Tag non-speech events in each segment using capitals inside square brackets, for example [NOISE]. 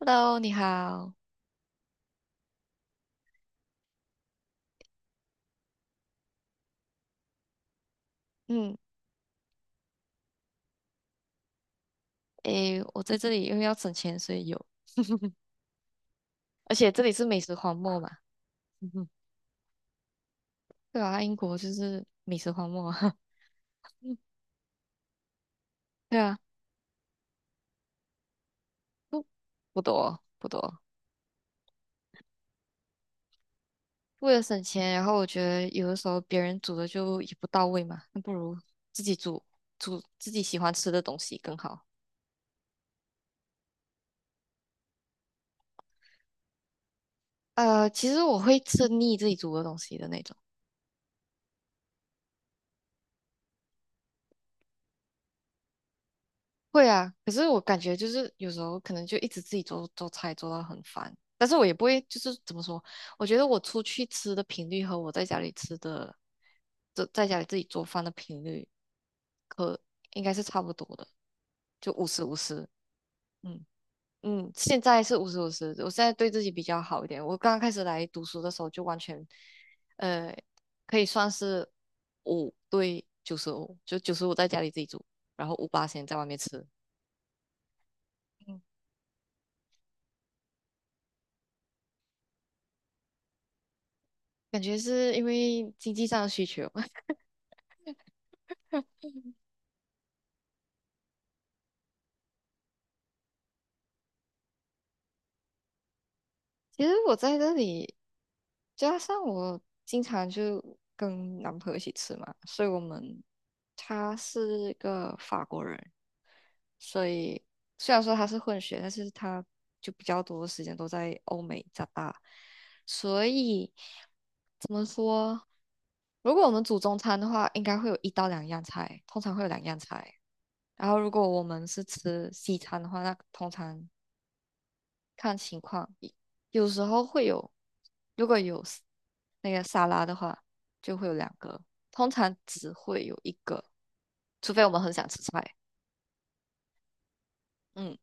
Hello，你好。嗯，诶，我在这里因为要省钱，所以有，[LAUGHS] 而且这里是美食荒漠嘛。[LAUGHS] 对啊，英国就是美食荒漠。[LAUGHS] 嗯对啊，不不多不多。为了省钱，然后我觉得有的时候别人煮的就也不到位嘛，那不如自己煮，煮自己喜欢吃的东西更好。其实我会吃腻自己煮的东西的那种。会啊，可是我感觉就是有时候可能就一直自己做做菜做到很烦，但是我也不会就是怎么说，我觉得我出去吃的频率和我在家里吃的，在家里自己做饭的频率，可应该是差不多的，就五十五十，嗯嗯，现在是五十五十，我现在对自己比较好一点，我刚刚开始来读书的时候就完全，呃，可以算是5对95，就九十五在家里自己煮，然后五八先在外面吃。感觉是因为经济上的需求。[LAUGHS] 其实我在这里，加上我经常就跟男朋友一起吃嘛，所以我们他是个法国人，所以虽然说他是混血，但是他就比较多的时间都在欧美长大，所以怎么说？如果我们煮中餐的话，应该会有一到两样菜，通常会有两样菜。然后，如果我们是吃西餐的话，那通常看情况，有时候会有，如果有 那个沙拉的话，就会有两个，通常只会有一个，除非我们很想吃菜。嗯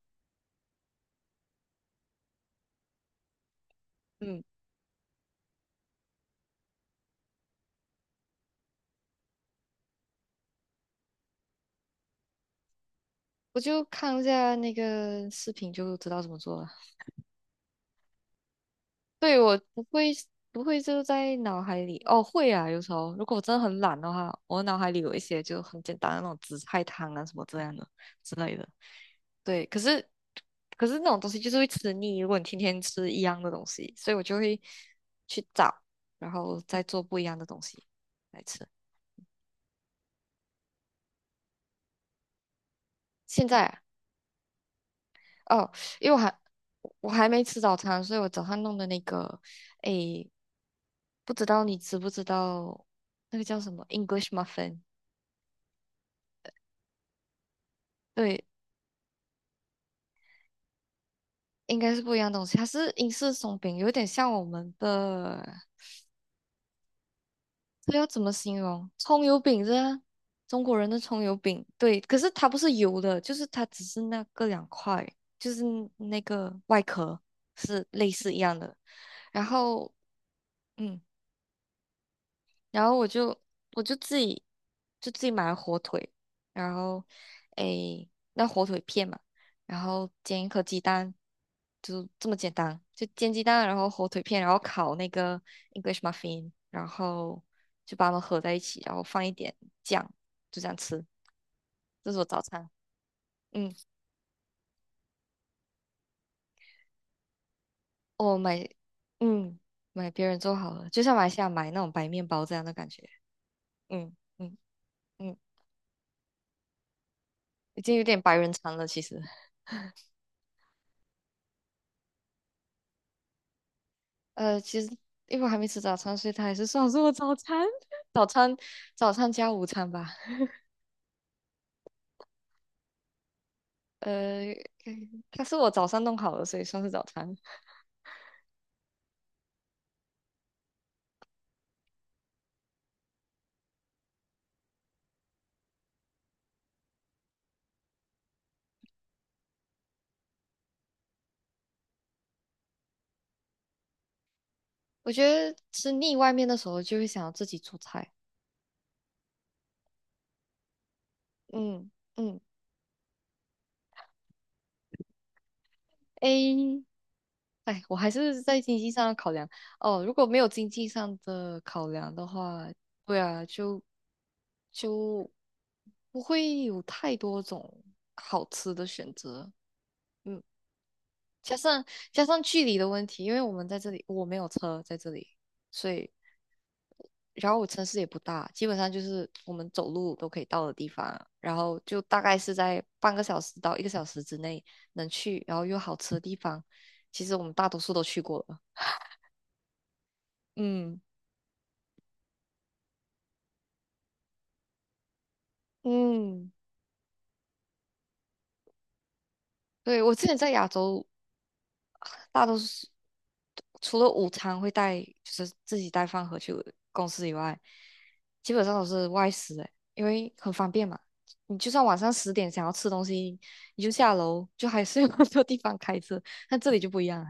嗯，我就看一下那个视频就知道怎么做了。对，我不会就在脑海里，哦，会啊，有时候如果我真的很懒的话，我脑海里有一些就很简单的那种紫菜汤啊什么这样的之类的。对，可是那种东西就是会吃腻，如果你天天吃一样的东西，所以我就会去找，然后再做不一样的东西来吃。现在啊哦，因为我还没吃早餐，所以我早上弄的那个，诶，不知道你知不知道那个叫什么 English muffin？对，应该是不一样的东西，它是英式松饼，有点像我们的。这要怎么形容？葱油饼是啊，中国人的葱油饼，对，可是它不是油的，就是它只是那个两块，就是那个外壳是类似一样的。然后，嗯，然后我就自己买了火腿，然后诶，那火腿片嘛，然后煎一颗鸡蛋，就这么简单，就煎鸡蛋，然后火腿片，然后烤那个 English muffin，然后就把它们合在一起，然后放一点酱，就这样吃，这是我早餐。嗯，我买，嗯，买别人做好了，就像马来西亚买那种白面包这样的感觉。嗯嗯嗯，已经有点白人餐了，其实。其实因为我还没吃早餐，所以它还是算是我早餐，[LAUGHS] 早餐，早餐加午餐吧。呃，它是我早上弄好的，所以算是早餐。我觉得吃腻外面的时候，就会想要自己做菜。嗯嗯，A，哎，我还是在经济上的考量。哦，如果没有经济上的考量的话，对啊，就不会有太多种好吃的选择。加上加上距离的问题，因为我们在这里，我没有车在这里，所以然后我城市也不大，基本上就是我们走路都可以到的地方啊，然后就大概是在半个小时到一个小时之内能去，然后又好吃的地方，其实我们大多数都去过了。嗯嗯，对，我之前在亚洲大多数除了午餐会带，就是自己带饭盒去公司以外，基本上都是外食诶，因为很方便嘛。你就算晚上十点想要吃东西，你就下楼，就还是 [LAUGHS] 有很多地方开车。但这里就不一样了，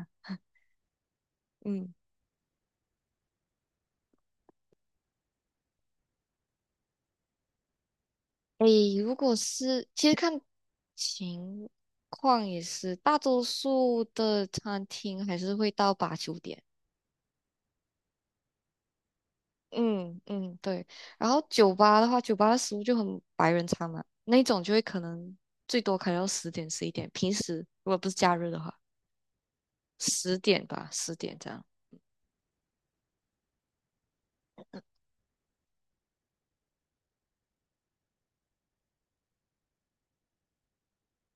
嗯，诶，如果是其实看情况也是，大多数的餐厅还是会到8、9点。嗯嗯，对。然后酒吧的话，酒吧的食物就很白人餐嘛，那种就会可能最多开到10点11点。平时如果不是假日的话，十点吧，十点这样。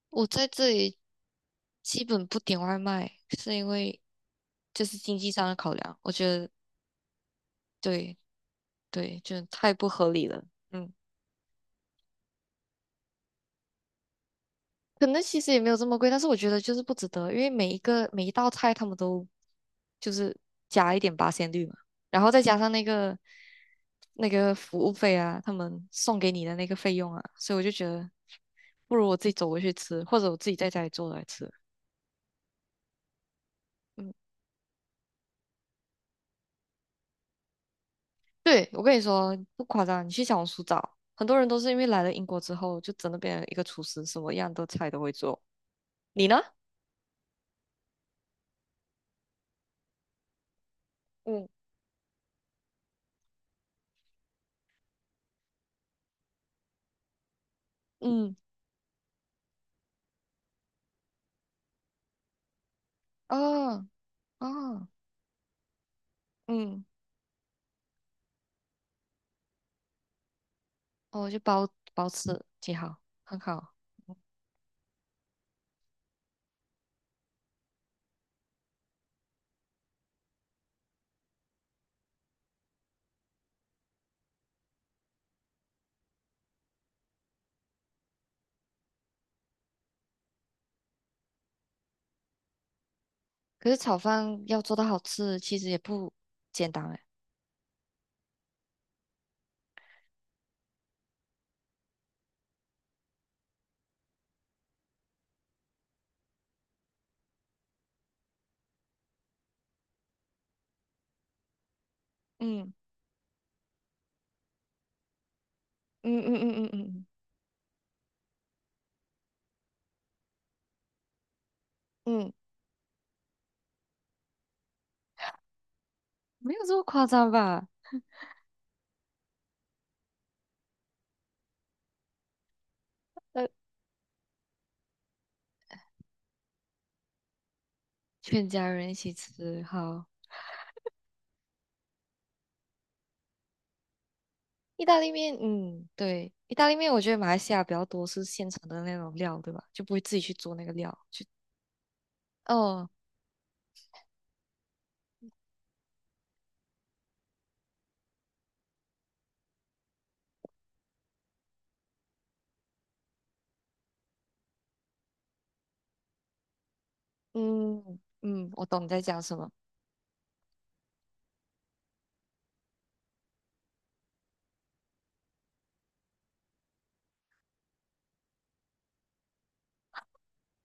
我在这里基本不点外卖，是因为就是经济上的考量，我觉得对对，就太不合理了。嗯。可能其实也没有这么贵，但是我觉得就是不值得，因为每一道菜他们都就是加一点八仙绿嘛，然后再加上那个服务费啊，他们送给你的那个费用啊，所以我就觉得不如我自己走过去吃，或者我自己在家里做来吃。嗯，对，我跟你说不夸张，你去小红书找，很多人都是因为来了英国之后就真的变成一个厨师，什么样的菜都会做。你呢？嗯，嗯，哦哦，嗯。哦，就包吃挺好，很好。可是炒饭要做到好吃，其实也不简单哎。嗯嗯嗯嗯嗯嗯嗯，没有这么夸张吧？呃，全家人一起吃，好。意大利面，嗯，对，意大利面，我觉得马来西亚比较多是现成的那种料，对吧？就不会自己去做那个料。去，哦，嗯嗯，我懂你在讲什么。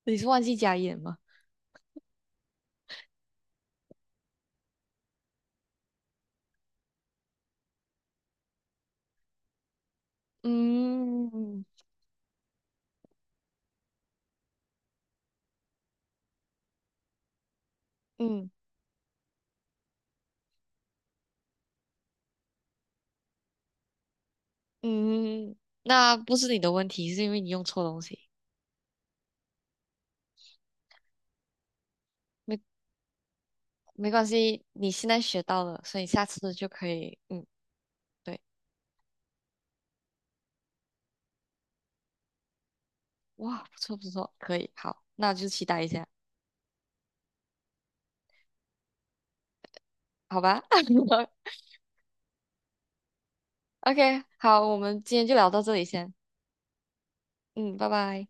你是忘记加盐吗？嗯嗯嗯，嗯嗯那不是你的问题，是因为你用错东西。没没关系，你现在学到了，所以下次就可以，嗯，对，哇，不错不错，可以，好，那就期待一下，好吧 [LAUGHS] [LAUGHS]？OK，好，我们今天就聊到这里先，嗯，拜拜。